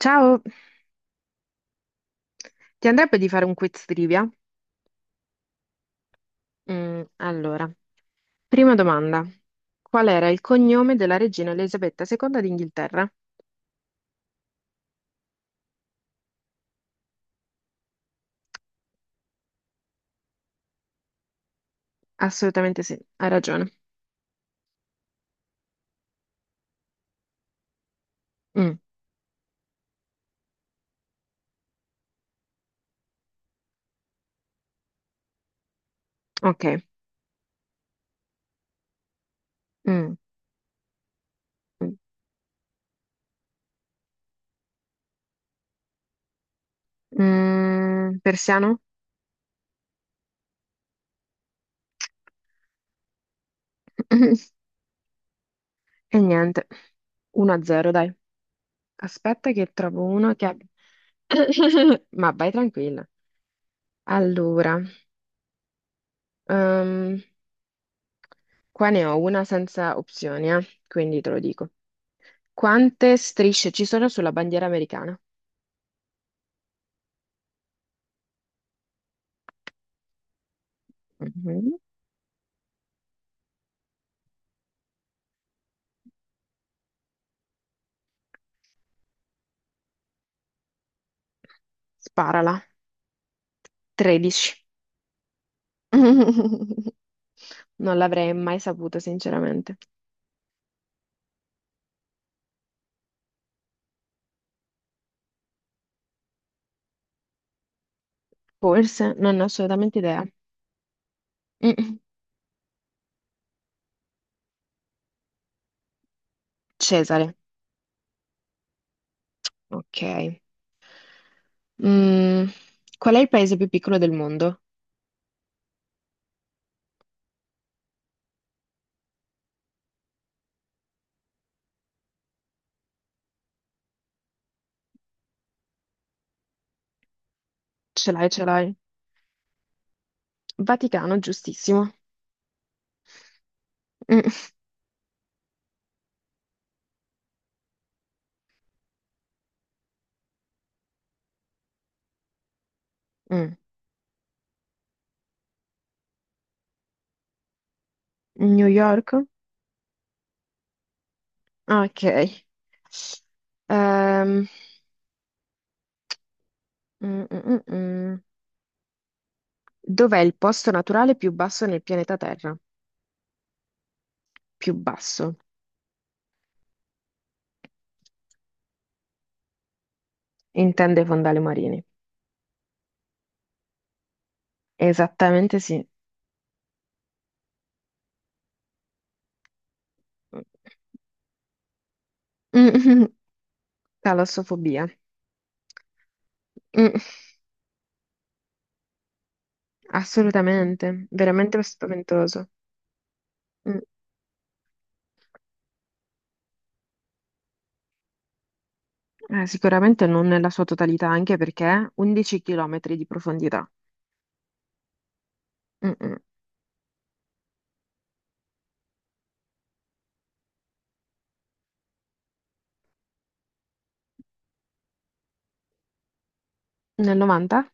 Ciao, ti andrebbe di fare un quiz trivia? Allora, prima domanda. Qual era il cognome della regina Elisabetta II d'Inghilterra? Assolutamente sì, hai ragione. Mm, ok. Mm, mm. Persiano? E niente. 1-0, dai. Aspetta che trovo uno che abbia. Ma vai tranquilla. Allora, ehm, qua ne ho una senza opzioni, quindi te lo dico. Quante strisce ci sono sulla bandiera americana? Mhm. Sparala. 13. Non l'avrei mai saputo, sinceramente. Forse, non ne ho assolutamente idea. Mm. Cesare, ok. Mm, Qual è il paese più piccolo del mondo? Ce l'hai, ce l'hai. Vaticano, giustissimo. Mm. Mm. New York? Ok. Ehm, mm, mm, mm, mm. Dov'è il posto naturale più basso nel pianeta Terra? Più basso. Intende i fondali marini. Esattamente sì. Mm, Talassofobia. Mm, Assolutamente, veramente spaventoso. Mm, Sicuramente non nella sua totalità, anche perché 11 km di profondità. Mm-mm. Nel 90?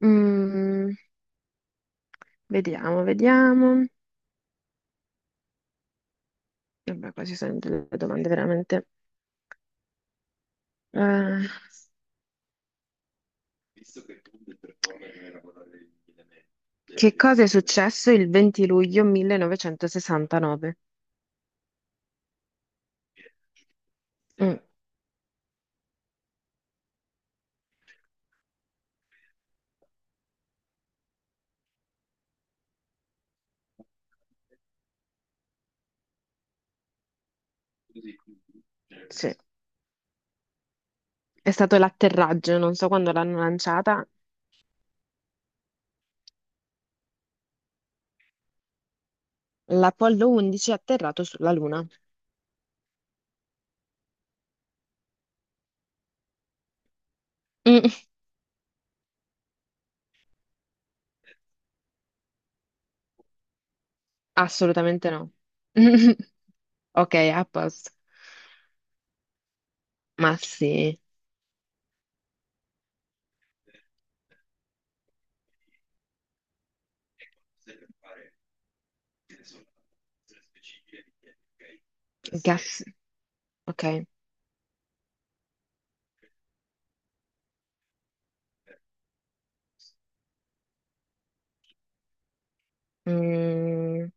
Mm, Vediamo, vediamo. Vabbè, qua ci sono delle domande veramente. Eh, che cosa è successo il 20 luglio 1969? Mm, sì. È stato l'atterraggio, non so quando l'hanno lanciata. L'Apollo 11 è atterrato sulla Luna. Mm, Assolutamente no. Ok, a posto. Ma sì, gas. Ok. Mm,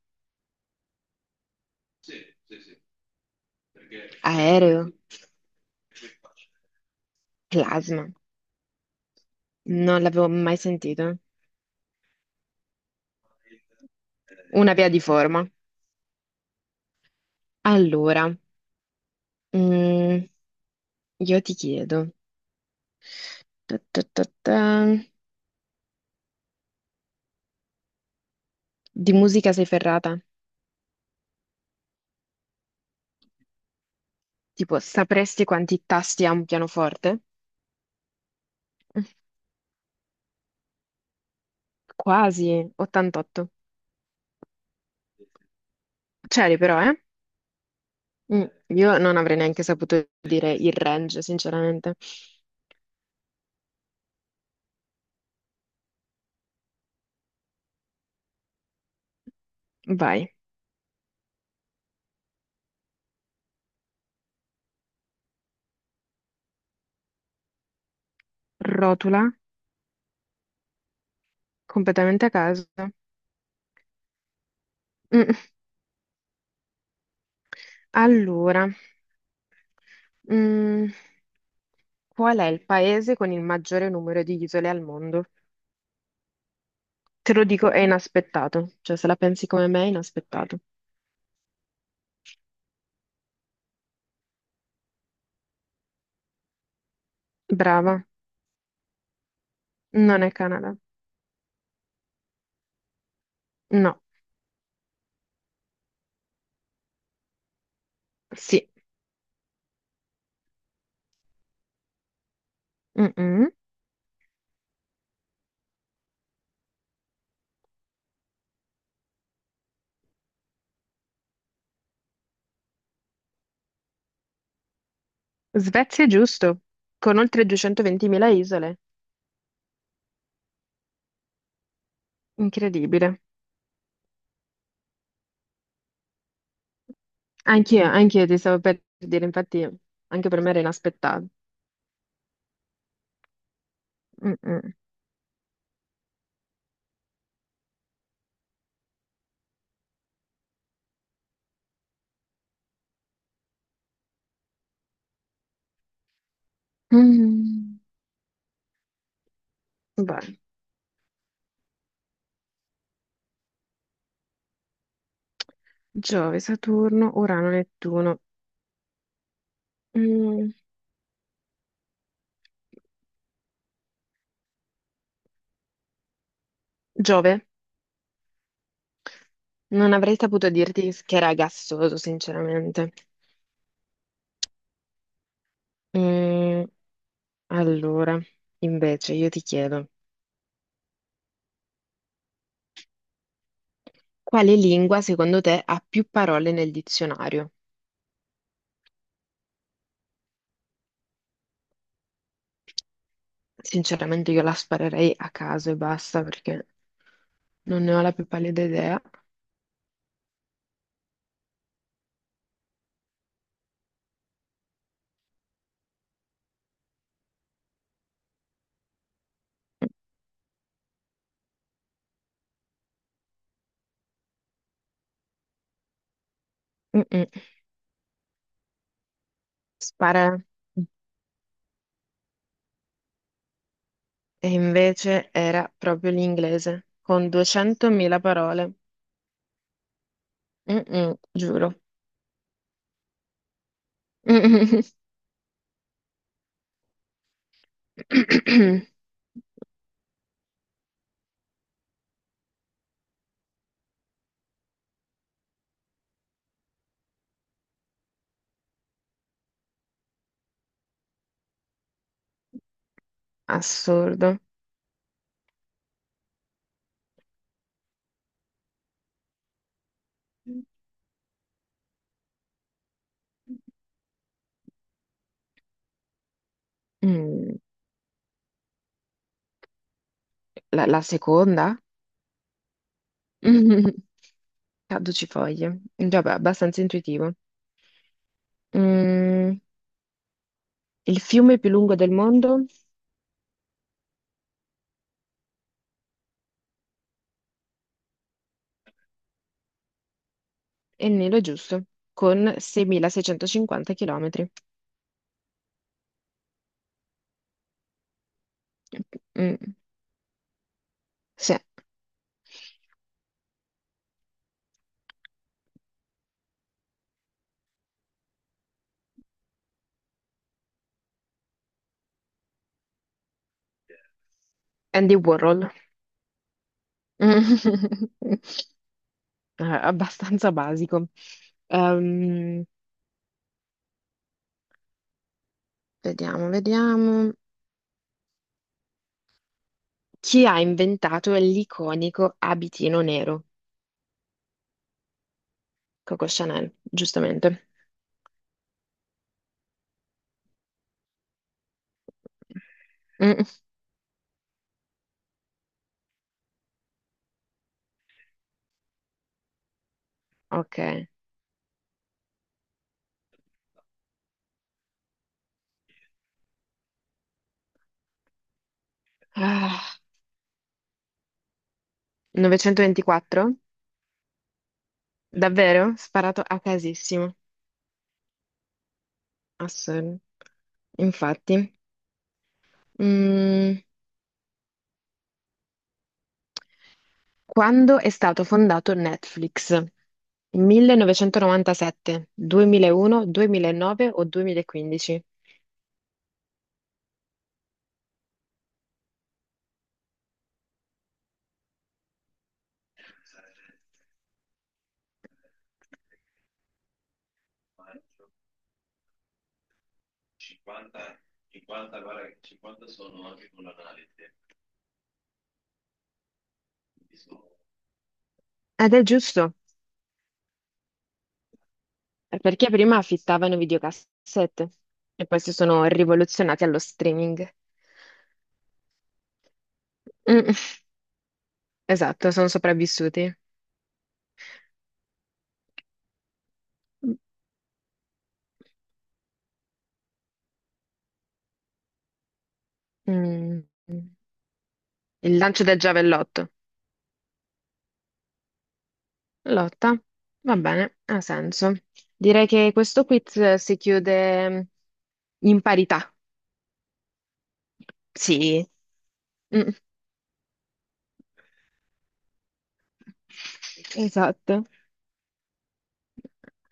Aereo, plasma. Non l'avevo mai sentito. Una via di forma. Allora, mm, io ti chiedo. Ta ta ta ta. Di musica sei ferrata? Tipo, sapresti quanti tasti ha un pianoforte? Quasi, 88. C'eri però, eh? Mm, Io non avrei neanche saputo dire il range, sinceramente. Vai, rotula, completamente a caso. Mm, Allora, mm, qual è il paese con il maggiore numero di isole al mondo? Te lo dico, è inaspettato. Cioè, se la pensi come me, è inaspettato. Brava, non è Canada. No. Sì, mm-mm. Svezia è giusto, con oltre 220.000 isole, incredibile. Anch'io ti stavo per dire, infatti anche per me era inaspettato. Mm-mm. Mm. Vai. Giove, Saturno, Urano, Nettuno. Mm. Giove, non avrei saputo dirti che era gassoso, sinceramente. Mm, Allora, invece, io ti chiedo, quale lingua secondo te ha più parole nel dizionario? Sinceramente io la sparerei a caso e basta perché non ne ho la più pallida idea. Mm-mm. Spara. E invece era proprio l'inglese, con 200.000 parole. Mm-mm, giuro. Mm-mm. Assurdo. Mm. La seconda? Mm. Caducifoglie. Vabbè, abbastanza intuitivo. Mm, Il fiume più lungo del mondo? E il nero è giusto, con 6.650 chilometri. Mm, sì. Andy Warhol. Abbastanza basico. Ehm, Vediamo, vediamo. Chi ha inventato l'iconico abitino nero? Coco Chanel, giustamente. Mm, ok. Ah, 924? Davvero? Sparato a casissimo. Assurdo. Infatti. Mm, Quando è stato fondato Netflix? 1997, 2001, 2009 o 2015? Ed è giusto, perché prima affittavano videocassette e poi si sono rivoluzionati allo streaming. Mm, esatto, sono sopravvissuti. Mm, Il lancio del giavellotto. Lotta. Va bene, ha senso. Direi che questo quiz si chiude in parità. Sì. Mm, esatto.